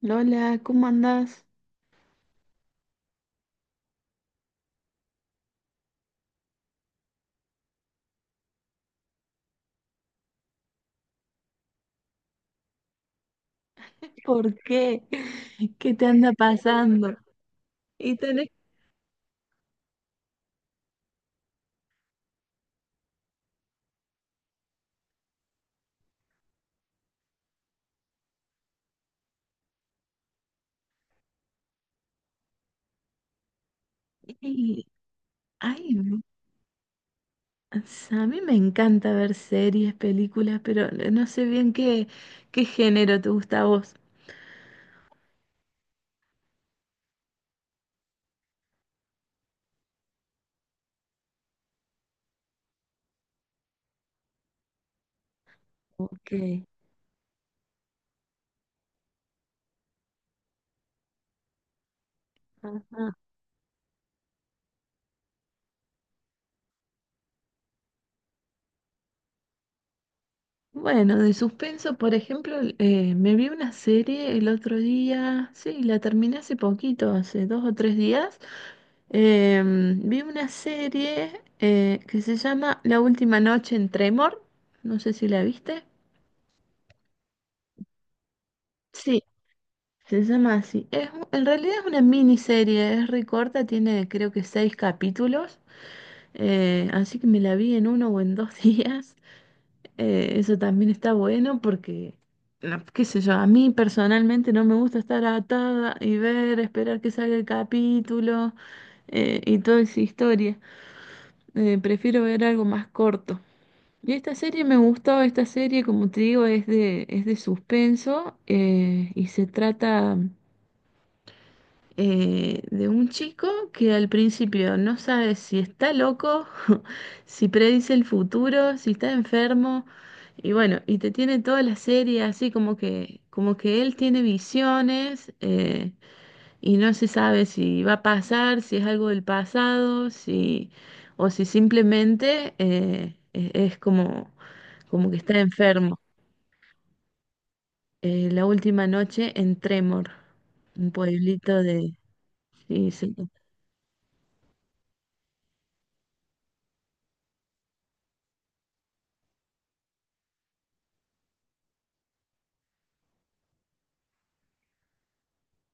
Lola, ¿cómo andás? ¿Por qué? ¿Qué te anda pasando? Y tenés... y- Ay, no. O a mí me encanta ver series, películas, pero no sé bien qué, qué género te gusta a vos. Ok. Ajá. Bueno, de suspenso, por ejemplo, me vi una serie el otro día, sí, la terminé hace poquito, hace dos o tres días. Vi una serie que se llama La última noche en Tremor. No sé si la viste. Sí, se llama así. Es, en realidad es una miniserie, es re corta, tiene creo que seis capítulos. Así que me la vi en uno o en dos días. Eso también está bueno porque, no, qué sé yo, a mí personalmente no me gusta estar atada y ver, esperar que salga el capítulo, y toda esa historia. Prefiero ver algo más corto. Y esta serie me gustó. Esta serie, como te digo, es de suspenso, y se trata de un chico que al principio no sabe si está loco, si predice el futuro, si está enfermo, y bueno, y te tiene toda la serie así como que él tiene visiones. Y no se sabe si va a pasar, si es algo del pasado, si, o si simplemente es como, como que está enfermo. La última noche en Tremor, un pueblito de... Sí, sí,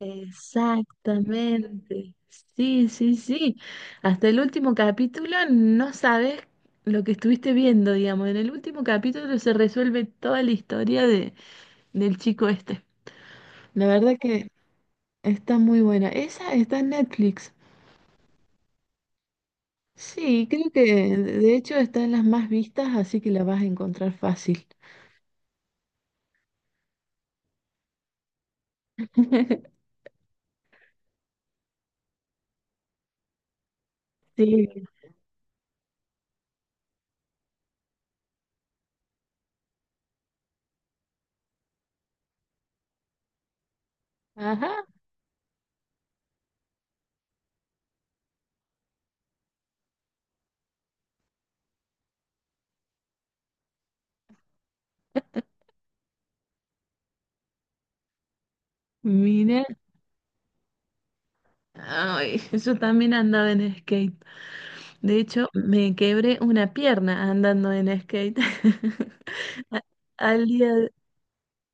exactamente. Sí, sí, sí. Hasta el último capítulo no sabes lo que estuviste viendo, digamos. En el último capítulo se resuelve toda la historia de, del chico este. La verdad que está muy buena. Esa está en Netflix. Sí, creo que de hecho está en las más vistas, así que la vas a encontrar fácil. Sí. Ajá, mira. Ay, yo también andaba en skate. De hecho, me quebré una pierna andando en skate. A- Al día,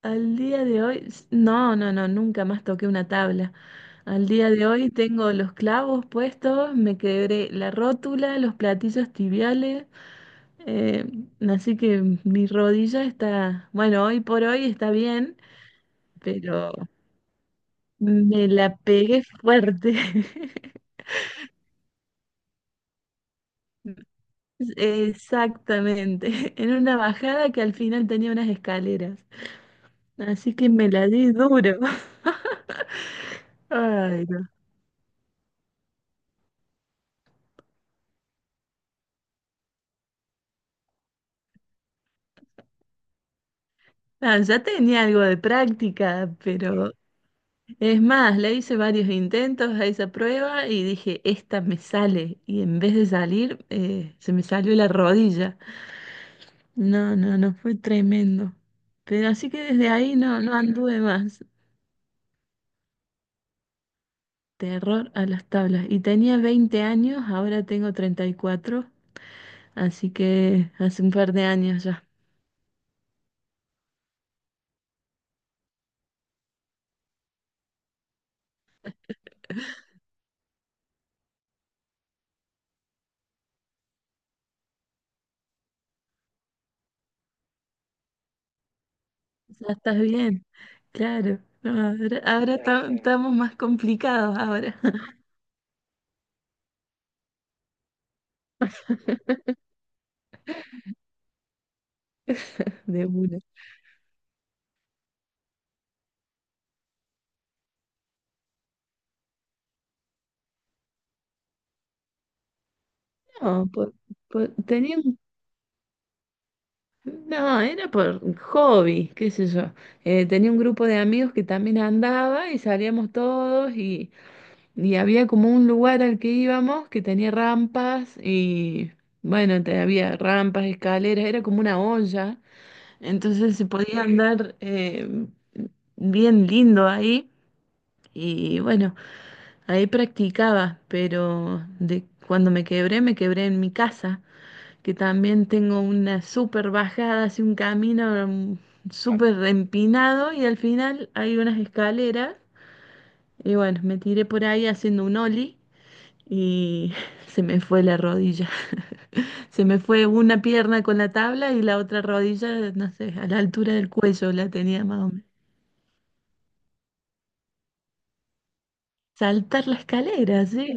al día de hoy, nunca más toqué una tabla. Al día de hoy tengo los clavos puestos, me quebré la rótula, los platillos tibiales. Eh, así que mi rodilla está, bueno, hoy por hoy está bien, pero me la pegué fuerte. Exactamente, en una bajada que al final tenía unas escaleras. Así que me la di duro. Ay, no. Ah, ya tenía algo de práctica, pero es más, le hice varios intentos a esa prueba y dije, esta me sale. Y en vez de salir, se me salió la rodilla. No, fue tremendo. Pero así que desde ahí no anduve más. Terror a las tablas. Y tenía 20 años, ahora tengo 34, así que hace un par de años ya. Ya estás bien, claro. No, estamos más complicados ahora. De una. No, por- tenía no, era por hobby, qué sé yo. Tenía un grupo de amigos que también andaba y salíamos todos. Y había como un lugar al que íbamos que tenía rampas y bueno, había rampas, escaleras, era como una olla, entonces se podía andar, bien lindo ahí. Y bueno, ahí practicaba, pero de cuando me quebré en mi casa, que también tengo una súper bajada, así un camino, súper empinado y al final hay unas escaleras. Y bueno, me tiré por ahí haciendo un ollie y se me fue la rodilla. Se me fue una pierna con la tabla y la otra rodilla, no sé, a la altura del cuello la tenía más o menos. Saltar la escalera, sí,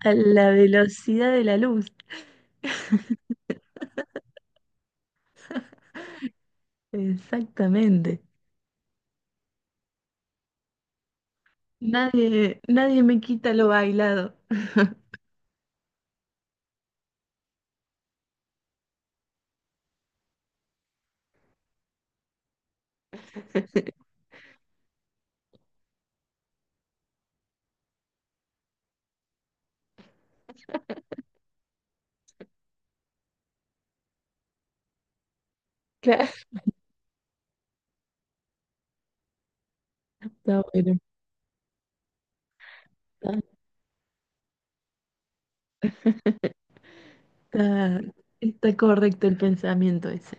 a la velocidad de la luz, exactamente. Nadie, nadie me quita lo bailado. Claro, está bueno, está, está- correcto el pensamiento ese.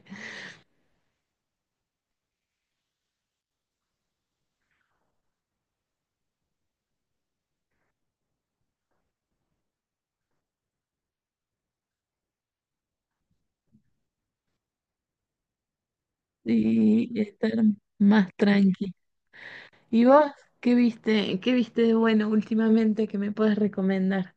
Y estar más tranqui. ¿Y vos qué viste de bueno últimamente que me puedes recomendar?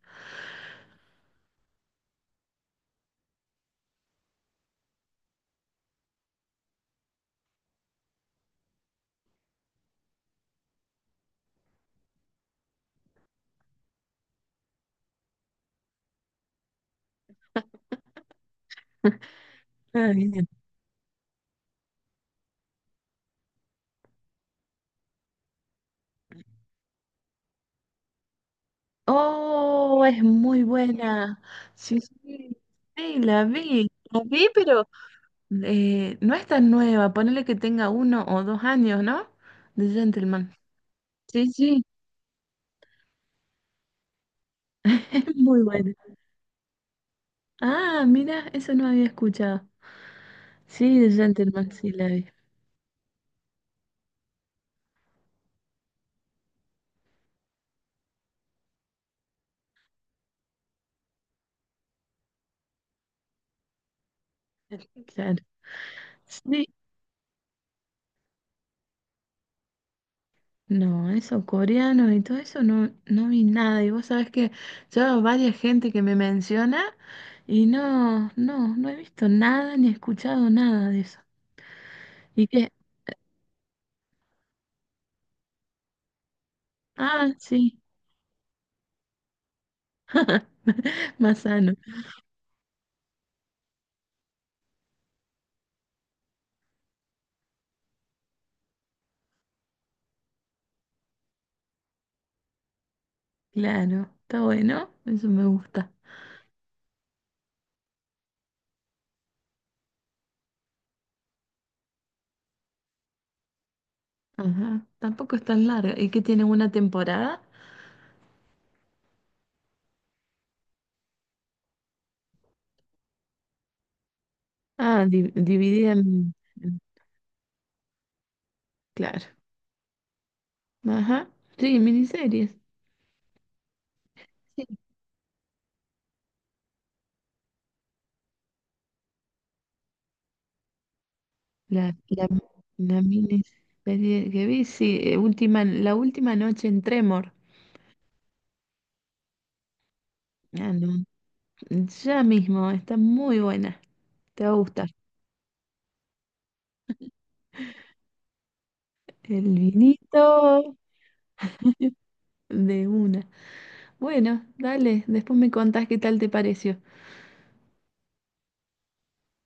Ah, bien. Oh, es muy buena. Sí, sí, sí, la vi. La vi, pero no es tan nueva. Ponele que tenga uno o dos años, ¿no? De Gentleman. Sí, sí, es muy buena. Ah, mira, eso no había escuchado. Sí, de Gentleman, sí la vi. Claro. Sí, no, eso, coreanos y todo eso, no, no vi nada. Y vos sabés que yo varias gente que me menciona y no he visto nada ni escuchado nada de eso. Y que, ah, sí, más sano. Claro, está bueno, eso me gusta. Ajá, tampoco es tan larga. ¿Y que tiene una temporada? Ah, dividida en, en- claro. Ajá, sí, miniseries. La, la, la miniserie que vi, sí, la última noche en Tremor. Ah, no, ya mismo, está muy buena, te va a gustar. El vinito de una. Bueno, dale, después me contás qué tal te pareció.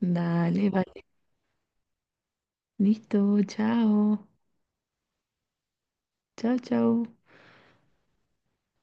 Dale, vale. Listo, chao. Chao, chao.